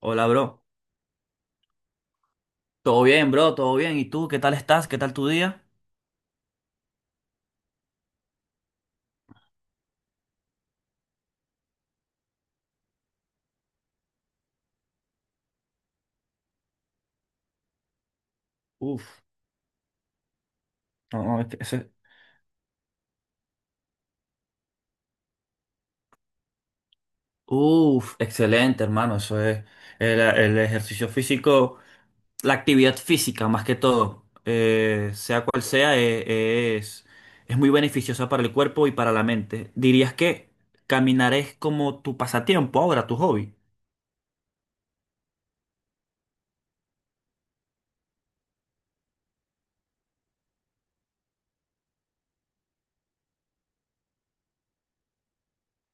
Hola, bro. Todo bien, bro, todo bien. ¿Y tú? ¿Qué tal estás? ¿Qué tal tu día? Uf, no, no, es que ese- Uf, excelente, hermano. Eso es el ejercicio físico, la actividad física más que todo, sea cual sea, es muy beneficiosa para el cuerpo y para la mente. ¿Dirías que caminar es como tu pasatiempo ahora, tu hobby?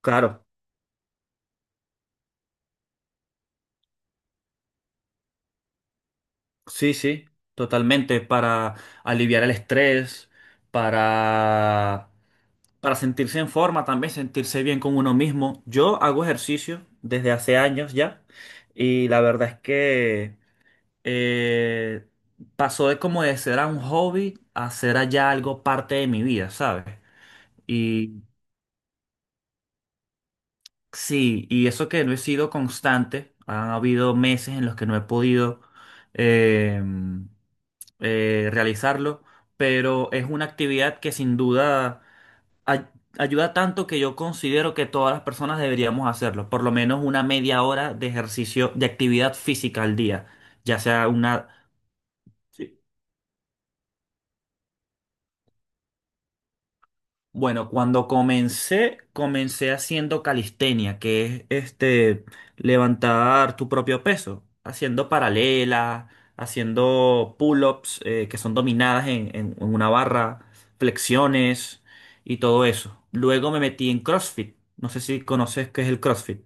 Claro. Sí, sí, totalmente, para aliviar el estrés, para, para sentirse en forma también, sentirse bien con uno mismo. Yo hago ejercicio desde hace años ya y la verdad es que eh, pasó de como de ser a un hobby a ser allá algo parte de mi vida, ¿sabes? Y sí, y eso que no he sido constante, han habido meses en los que no he podido. em, realizarlo, pero es una actividad que sin duda ay- ayuda tanto que yo considero que todas las personas deberíamos hacerlo, por lo menos una media hora de ejercicio, de actividad física al día, ya sea una... Bueno, cuando comencé, comencé haciendo calistenia, que es este levantar tu propio peso, haciendo paralelas, haciendo pull-ups que son dominadas en una barra, flexiones y todo eso. Luego me metí en CrossFit. No sé si conoces qué es el CrossFit.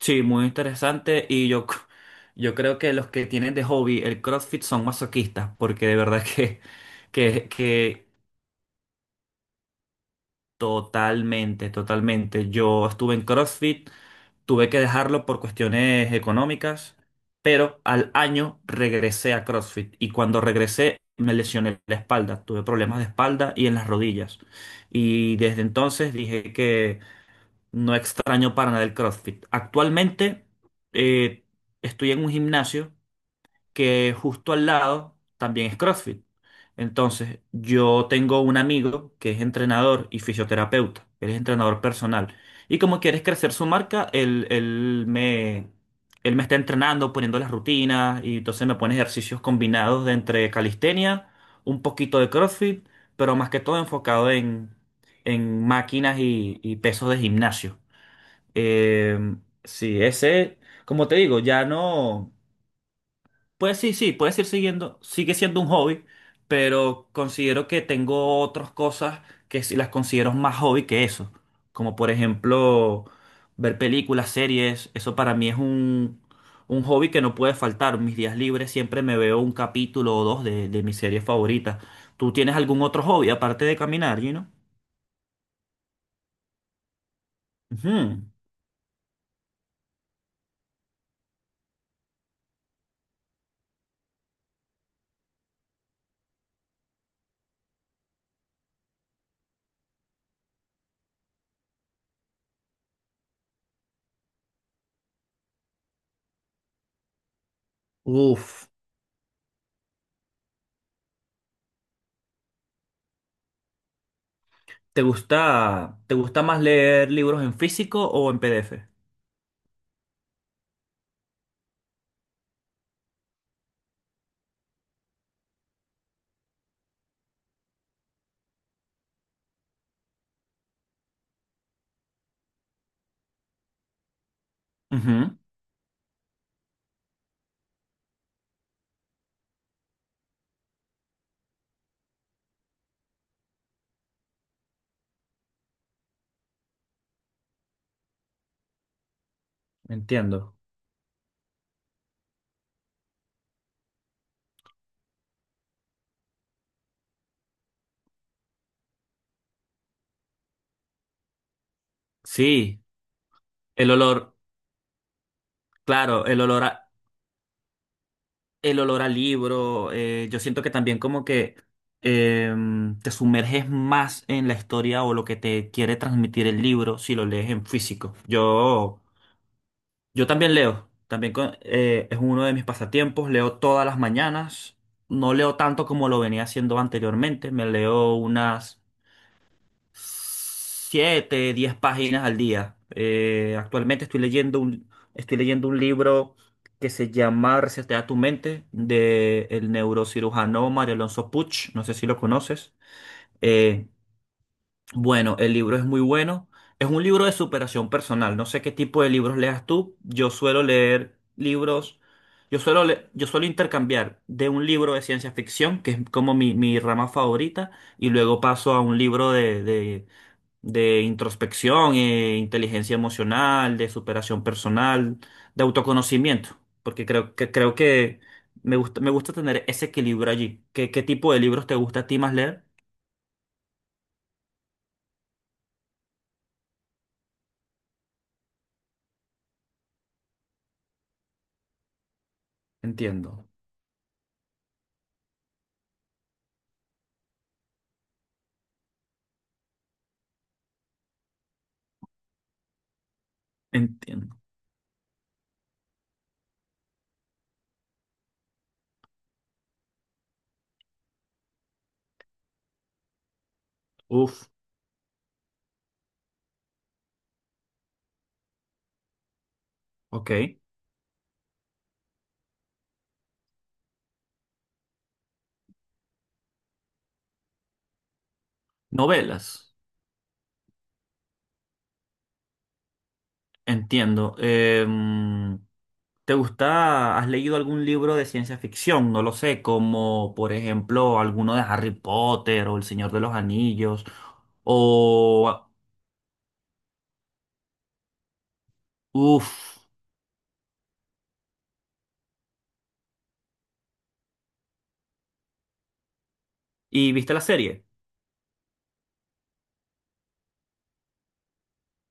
Sí, muy interesante y yo, yo creo que los que tienen de hobby el CrossFit son masoquistas, porque de verdad que totalmente, totalmente. Yo estuve en CrossFit, tuve que dejarlo por cuestiones económicas, pero al año regresé a CrossFit y cuando regresé me lesioné la espalda, tuve problemas de espalda y en las rodillas. Y desde entonces dije que no extraño para nada el CrossFit. Actualmente eh, estoy en un gimnasio que justo al lado también es CrossFit. Entonces, yo tengo un amigo que es entrenador y fisioterapeuta, él es entrenador personal. Y como quieres crecer su marca, él me está entrenando, poniendo las rutinas y entonces me pone ejercicios combinados de entre calistenia, un poquito de CrossFit, pero más que todo enfocado en máquinas y pesos de gimnasio. Eh, sí, ese, como te digo, ya no. Pues sí, sí, puedes ir siguiendo, sigue siendo un hobby, pero considero que tengo otras cosas que sí las considero más hobby que eso, como por ejemplo ver películas, series, eso para mí es un hobby que no puede faltar. Mis días libres siempre me veo un capítulo o dos de mis series favoritas. ¿Tú tienes algún otro hobby aparte de caminar, Gino? Ujú. Uf, te gusta más leer libros en físico o en PDF? Ujú, entiendo. Sí. El olor, claro, el olor a libro. Yo siento que también como que te sumerges más en la historia o lo que te quiere transmitir el libro si lo lees en físico. Yo también leo, también es uno de mis pasatiempos, leo todas las mañanas. No leo tanto como lo venía haciendo anteriormente, me leo unas siete, diez páginas al día. Actualmente estoy leyendo un libro que se llama Resetea tu mente, de el neurocirujano Mario Alonso Puch. No sé si lo conoces. Eh, bueno, el libro es muy bueno. Es un libro de superación personal. No sé qué tipo de libros leas tú. Yo suelo leer libros. Yo suelo, yo suelo intercambiar de un libro de ciencia ficción, que es como mi rama favorita, y luego paso a un libro de introspección, inteligencia emocional, de superación personal, de autoconocimiento, porque creo que me gusta tener ese equilibrio allí. ¿Qué, qué tipo de libros te gusta a ti más leer? Entiendo, entiendo. Uf, ok. Novelas, entiendo. ¿Te gusta, has leído algún libro de ciencia ficción? No lo sé, como por ejemplo alguno de Harry Potter o El Señor de los Anillos o... Uf. ¿Y viste la serie?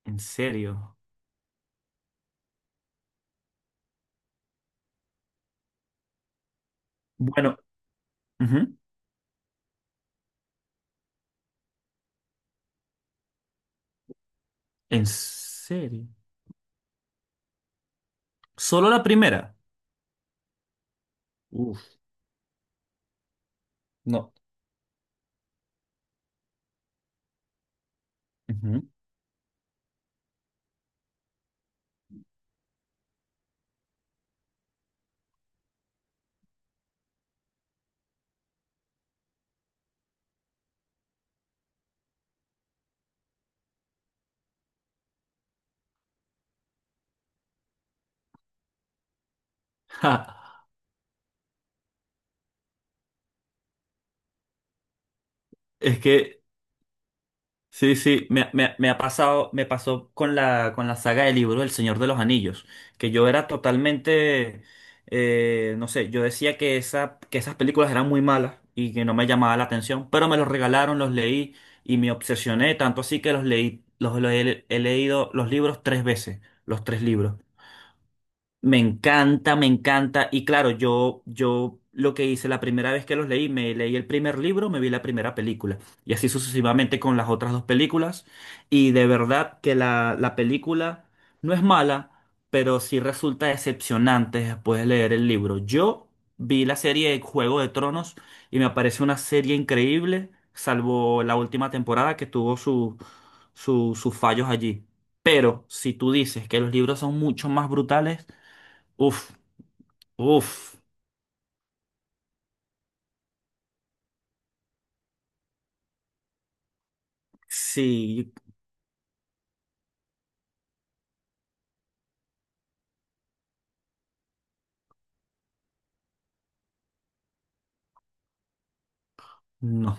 ¿En serio? Bueno, ujú, ¿en serio? ¿Solo la primera? Uf, no. Ujú. Ja, es que, sí, sí, me ha pasado, me pasó con la saga de libros El Señor de los Anillos, que yo era totalmente, no sé, yo decía que, esa, que esas películas eran muy malas y que no me llamaba la atención, pero me los regalaron, los leí y me obsesioné, tanto así que los leí, los, los he leído los libros tres veces, los tres libros. Me encanta, me encanta. Y claro, yo lo que hice la primera vez que los leí, me leí el primer libro, me vi la primera película. Y así sucesivamente con las otras dos películas. Y de verdad que la película no es mala, pero sí resulta decepcionante después de leer el libro. Yo vi la serie de Juego de Tronos y me parece una serie increíble, salvo la última temporada que tuvo su, sus fallos allí. Pero si tú dices que los libros son mucho más brutales, uf, uf. Sí, no,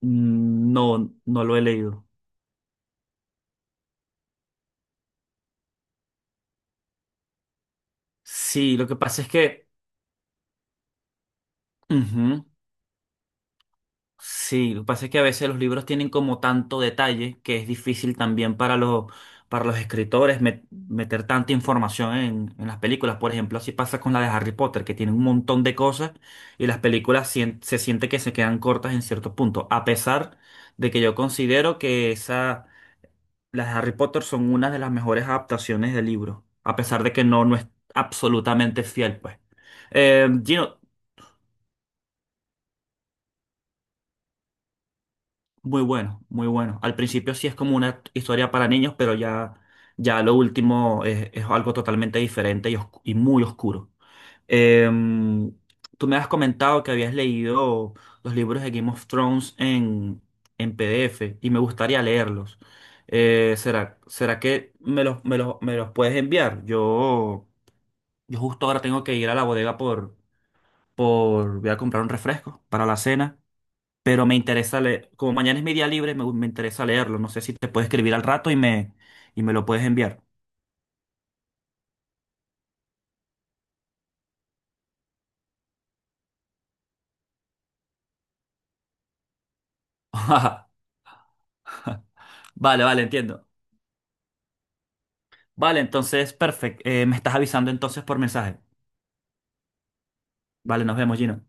no, no lo he leído. Sí, lo que pasa es que, ujú, sí, lo que pasa es que a veces los libros tienen como tanto detalle que es difícil también para los escritores meter tanta información en las películas. Por ejemplo, así pasa con la de Harry Potter, que tiene un montón de cosas y las películas se siente que se quedan cortas en cierto punto, a pesar de que yo considero que esa las de Harry Potter son una de las mejores adaptaciones del libro, a pesar de que no, no es absolutamente fiel, pues. Gino, muy bueno, muy bueno. Al principio sí es como una historia para niños, pero ya, ya lo último es algo totalmente diferente y, y muy oscuro. Eh, tú me has comentado que habías leído los libros de Game of Thrones en PDF y me gustaría leerlos. ¿Será, será que me los, me los, me los puedes enviar? Yo... Yo justo ahora tengo que ir a la bodega por, voy a comprar un refresco para la cena, pero me interesa leer, como mañana es mi día libre, me interesa leerlo. No sé si te puedes escribir al rato y me lo puedes enviar. Vale, vale, entiendo. Vale, entonces, perfecto. Me estás avisando entonces por mensaje. Vale, nos vemos, Gino.